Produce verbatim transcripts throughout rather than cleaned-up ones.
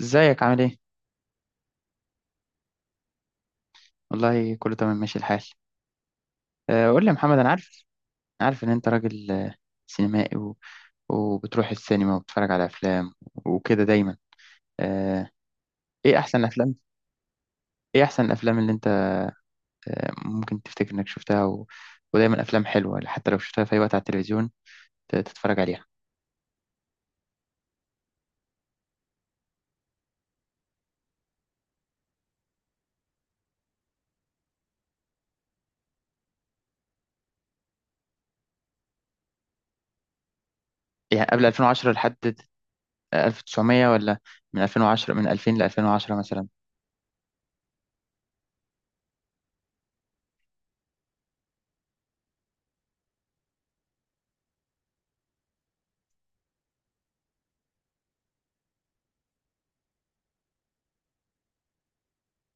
ازيك عامل ايه؟ والله كله تمام ماشي الحال. آه، قول لي يا محمد، انا عارف. عارف ان انت راجل آه، سينمائي، و... وبتروح السينما وبتتفرج على افلام وكده دايما. آه، ايه احسن الافلام؟ ايه احسن الافلام اللي انت آه، ممكن تفتكر انك شفتها؟ و... ودايما افلام حلوة حتى لو شفتها في اي وقت على التلفزيون ت- تتفرج عليها. يعني قبل ألفين وعشرة لحد ألف وتسعمية ولا من ألفين وعشرة، من ألفين ل ألفين وعشرة مثلا؟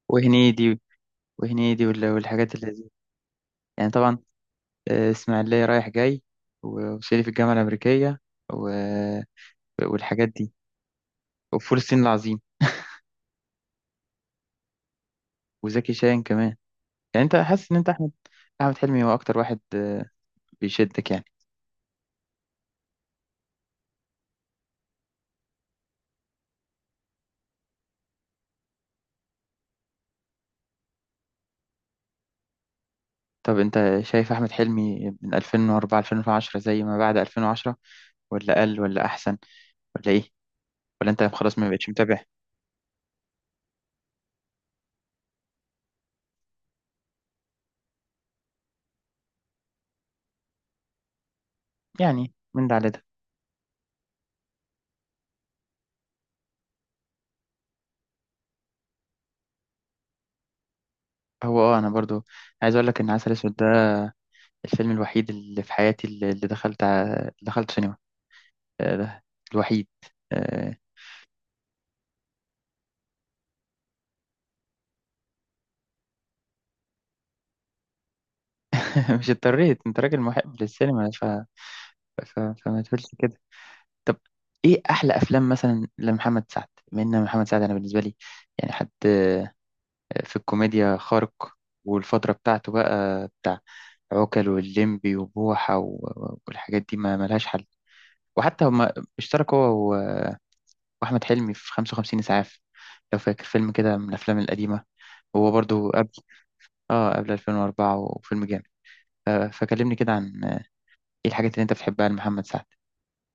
وهنيدي وهنيدي وال- والحاجات اللي دي، يعني طبعا. آه، اسماعيلية رايح جاي، و- وسيلي في الجامعة الأمريكية، و... والحاجات دي، وفول الصين العظيم وزكي شاهين كمان. يعني أنت حاسس إن أنت أحمد، أحمد حلمي هو أكتر واحد آه، بيشدك يعني؟ طب أنت شايف أحمد حلمي من ألفين واربعة ألفين وعشرة زي ما بعد ألفين وعشرة، ولا أقل ولا أحسن، ولا إيه، ولا أنت خلاص ما بقتش متابع؟ يعني من ده على ده. هو اه انا برضو عايز اقول لك ان عسل اسود ده الفيلم الوحيد اللي في حياتي اللي اللي دخلت ع- اللي دخلت سينما. آه، ده الوحيد. آه، مش اضطريت، انت راجل محب للسينما، ف... ف... فما تقولش كده. طب، ايه احلى افلام مثلا لمحمد سعد؟ بما ان محمد سعد، انا بالنسبه لي يعني حد آه، في الكوميديا خارق. والفتره بتاعته بقى بتاع عوكل واللمبي وبوحه و... والحاجات دي ما ملهاش حل. وحتى هما اشترك هو و- واحمد حلمي في خمسة وخمسين اسعاف، لو فاكر، فيلم كده من الافلام القديمه، هو برضو قبل، اه قبل ألفين واربعة، وفيلم جامد. ف- فكلمني كده عن آه، ايه الحاجات اللي انت بتحبها لمحمد سعد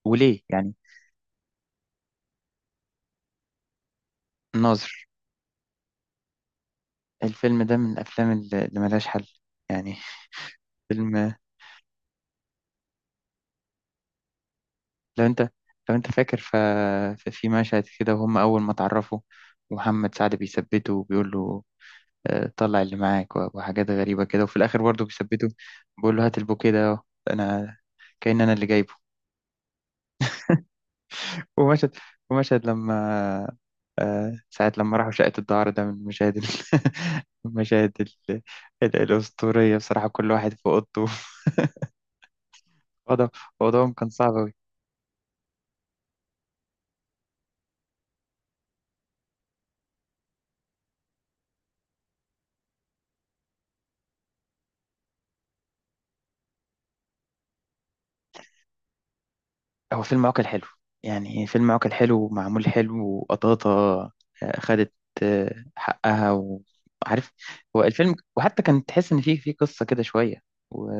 وليه يعني. الناظر، الفيلم ده من الافلام اللي اللي ملهاش حل يعني. فيلم، لو انت لو انت فاكر، ف... ففي مشهد كده وهم اول ما اتعرفوا، ومحمد سعد بيثبته وبيقول له آه، طلع اللي معاك، و- وحاجات غريبة كده، وفي الاخر برضه بيثبته بيقول له هات البوكيه ده أهو، انا، كأن انا اللي جايبه. ومشهد ومشهد لما آه، ساعة لما راحوا شقة الدعارة، ده من المشاهد ال- المشاهد ال- ال- الأسطورية بصراحة، كل واحد في أوضته. ده الموضوع كان صعب أوي. هو فيلم عوكل حلو يعني، فيلم عوكل حلو ومعمول حلو، وقطاطة آه، خدت آه، حقها وعارف. هو الفيلم، وحتى كان تحس إن فيه فيه قصة كده شوية، و...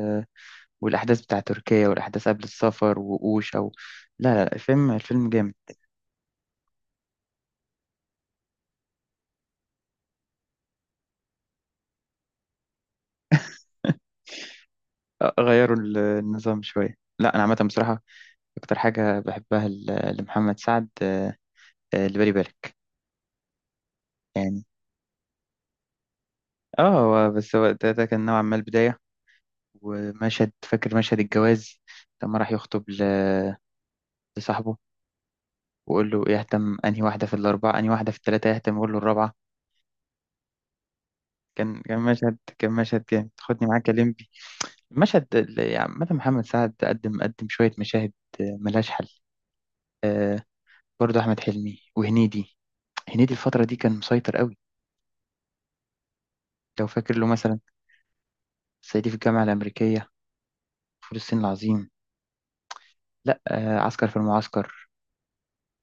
والأحداث بتاع تركيا والأحداث قبل السفر وقوش، أو لا لا لا، الفيلم الفيلم جامد. آه، غيروا ال- النظام شوية. لا، أنا عامة بصراحة أكتر حاجة بحبها ل- لمحمد سعد آه، آه، اللي بالي بالك. يعني اه هو- بس هو ده, ده, كان نوعا ما البداية. ومشهد، فاكر مشهد الجواز لما راح يخطب ل- لصاحبه، وقول له يهتم انهي واحدة في الأربعة، انهي واحدة في الثلاثة يهتم، يقول له الرابعة. كان كان مشهد، كان مشهد جامد، خدني معاك يا لمبي. المشهد اللي- يعني عامة محمد سعد قدم، قدم شوية مشاهد آه، ملهاش حل. برضه أحمد حلمي وهنيدي، هنيدي الفترة دي كان مسيطر قوي. لو فاكر له مثلا، صعيدي في الجامعة الأمريكية، فول الصين العظيم، لا آه، عسكر في المعسكر.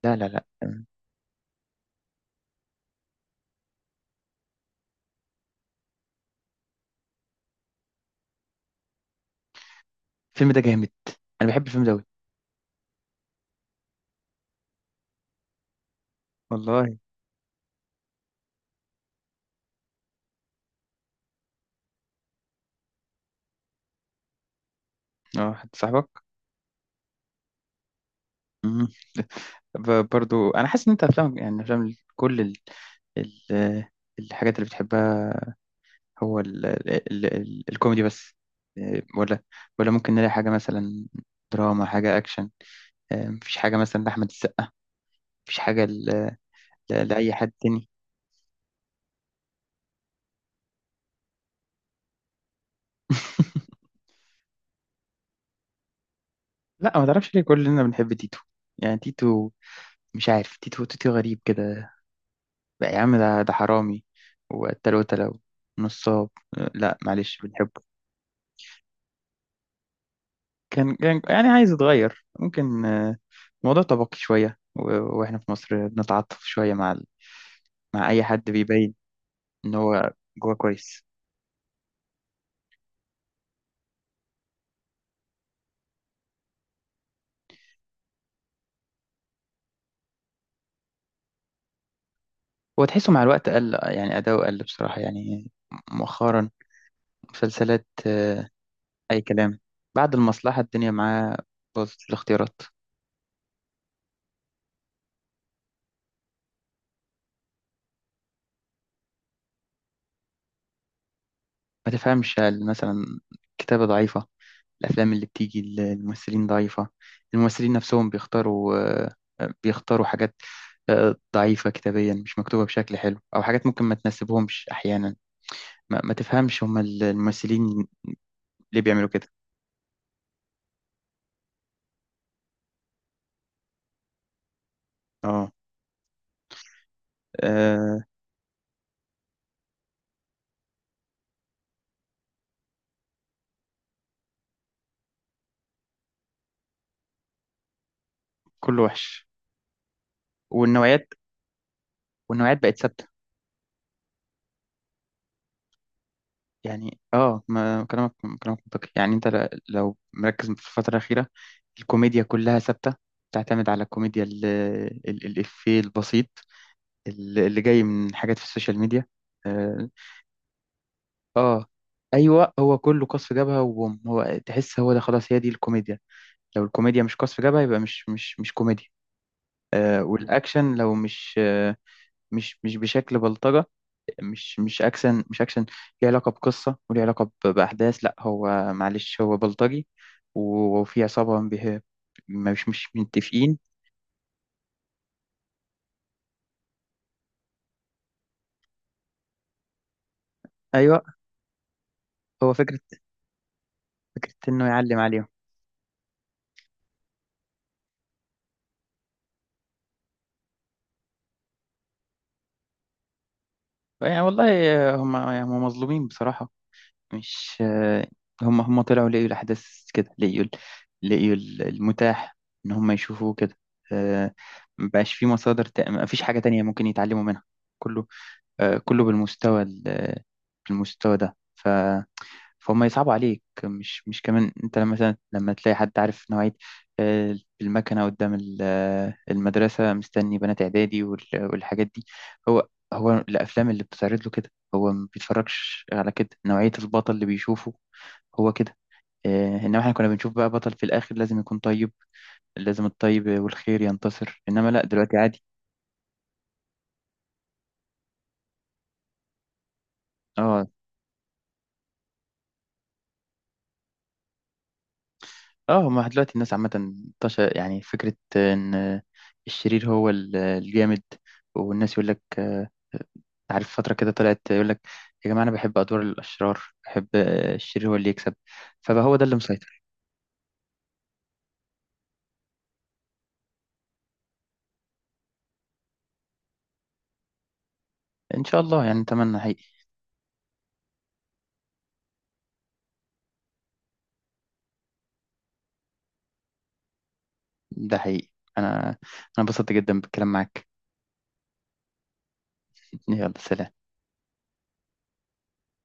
لا لا لا، الفيلم ده جامد، أنا بحب الفيلم ده أوي. والله. اه، حد صاحبك. مم. ب- برضو انا حاسس ان انت افلام، يعني افلام، كل ال... ال... الحاجات اللي بتحبها هو ال... ال... ال... الكوميدي بس، إيه، ولا ولا ممكن نلاقي حاجة مثلا دراما، حاجة أكشن، إيه، مفيش حاجة مثلا لأحمد السقا، مفيش حاجة ل... ل... لأي حد تاني؟ لا، ما تعرفش ليه كلنا بنحب تيتو؟ يعني تيتو، مش عارف، تيتو، تيتو غريب كده. بقى يا عم، ده ده حرامي وقتل وتلة ونصاب، لا معلش بنحبه. كان كان يعني عايز يتغير ممكن، آه، الموضوع طبقي شوية، و- واحنا في مصر بنتعاطف شوية مع ال- مع أي حد بيبين إن هو جواه كويس. هو تحسه مع الوقت قل، يعني أداؤه قل بصراحة، يعني مؤخرا مسلسلات آه، أي كلام. بعد المصلحة الدنيا معاه باظت في الاختيارات. ما تفهمش، هل مثلا كتابة ضعيفة؟ الافلام اللي بتيجي ال- الممثلين ضعيفه؟ الممثلين نفسهم بيختاروا آه، بيختاروا حاجات آه، ضعيفه كتابيا، مش مكتوبه بشكل حلو، او حاجات ممكن ما تناسبهمش احيانا؟ ما, ما تفهمش هم الممثلين ليه بيعملوا كده؟ اه. آه، كله وحش، والنوعيات، والنوعيات بقت ثابته. يعني اه، ما كلامك، كلامك منطقي. يعني انت ل- لو مركز في الفتره الاخيره، الكوميديا كلها ثابته، بتعتمد على الكوميديا ال- ال- الإفيه البسيط اللي اللي جاي من حاجات في السوشيال ميديا. اه. آه، ايوه، هو كله قصف جبهه وبوم، هو تحس هو ده خلاص، هي دي الكوميديا، لو الكوميديا مش قصف جبهه يبقى مش مش مش كوميديا. آه، والاكشن لو مش، آه مش مش بشكل بلطجه، مش مش اكشن، مش اكشن ليه علاقه بقصه وليه علاقه ب- باحداث. لا هو معلش هو بلطجي، و- وفي عصابه به- مش مش متفقين. ايوه، هو فكره، فكره انه يعلم عليهم. يعني والله، آه، هم هم مظلومين بصراحه. مش آه، هم هم طلعوا لقيوا الأحداث كده، لقيوا ال- لقيوا ال- المتاح إن هم يشوفوه كده. آه، مبقاش في مصادر تا- مفيش حاجة تانية ممكن يتعلموا منها، كله آه، كله بالمستوى ال- بالمستوى ده، فهم يصعبوا عليك. مش مش كمان انت لما مثلا، لما تلاقي حد عارف نوعية، آه، المكنة قدام ال- آه، المدرسة، مستني بنات إعدادي وال- والحاجات دي، هو هو الأفلام اللي بتتعرض له كده، هو ما بيتفرجش على كده، نوعية البطل اللي بيشوفه هو كده. آه، إنما إحنا كنا بنشوف بقى بطل في الآخر لازم يكون طيب، لازم الطيب والخير ينتصر، إنما لا، دلوقتي عادي. اه. اه، ما دلوقتي الناس عامة انتشر يعني فكرة ان الشرير هو ال- الجامد، والناس يقول لك آه، عارف فترة كده طلعت يقول لك يا جماعة انا بحب ادوار الاشرار، بحب آه، الشرير هو اللي يكسب، فبقى هو ده اللي مسيطر. ان شاء الله، يعني اتمنى حقيقي. ده حقيقي، انا انا انبسطت جدا بالكلام معاك. يلا سلام.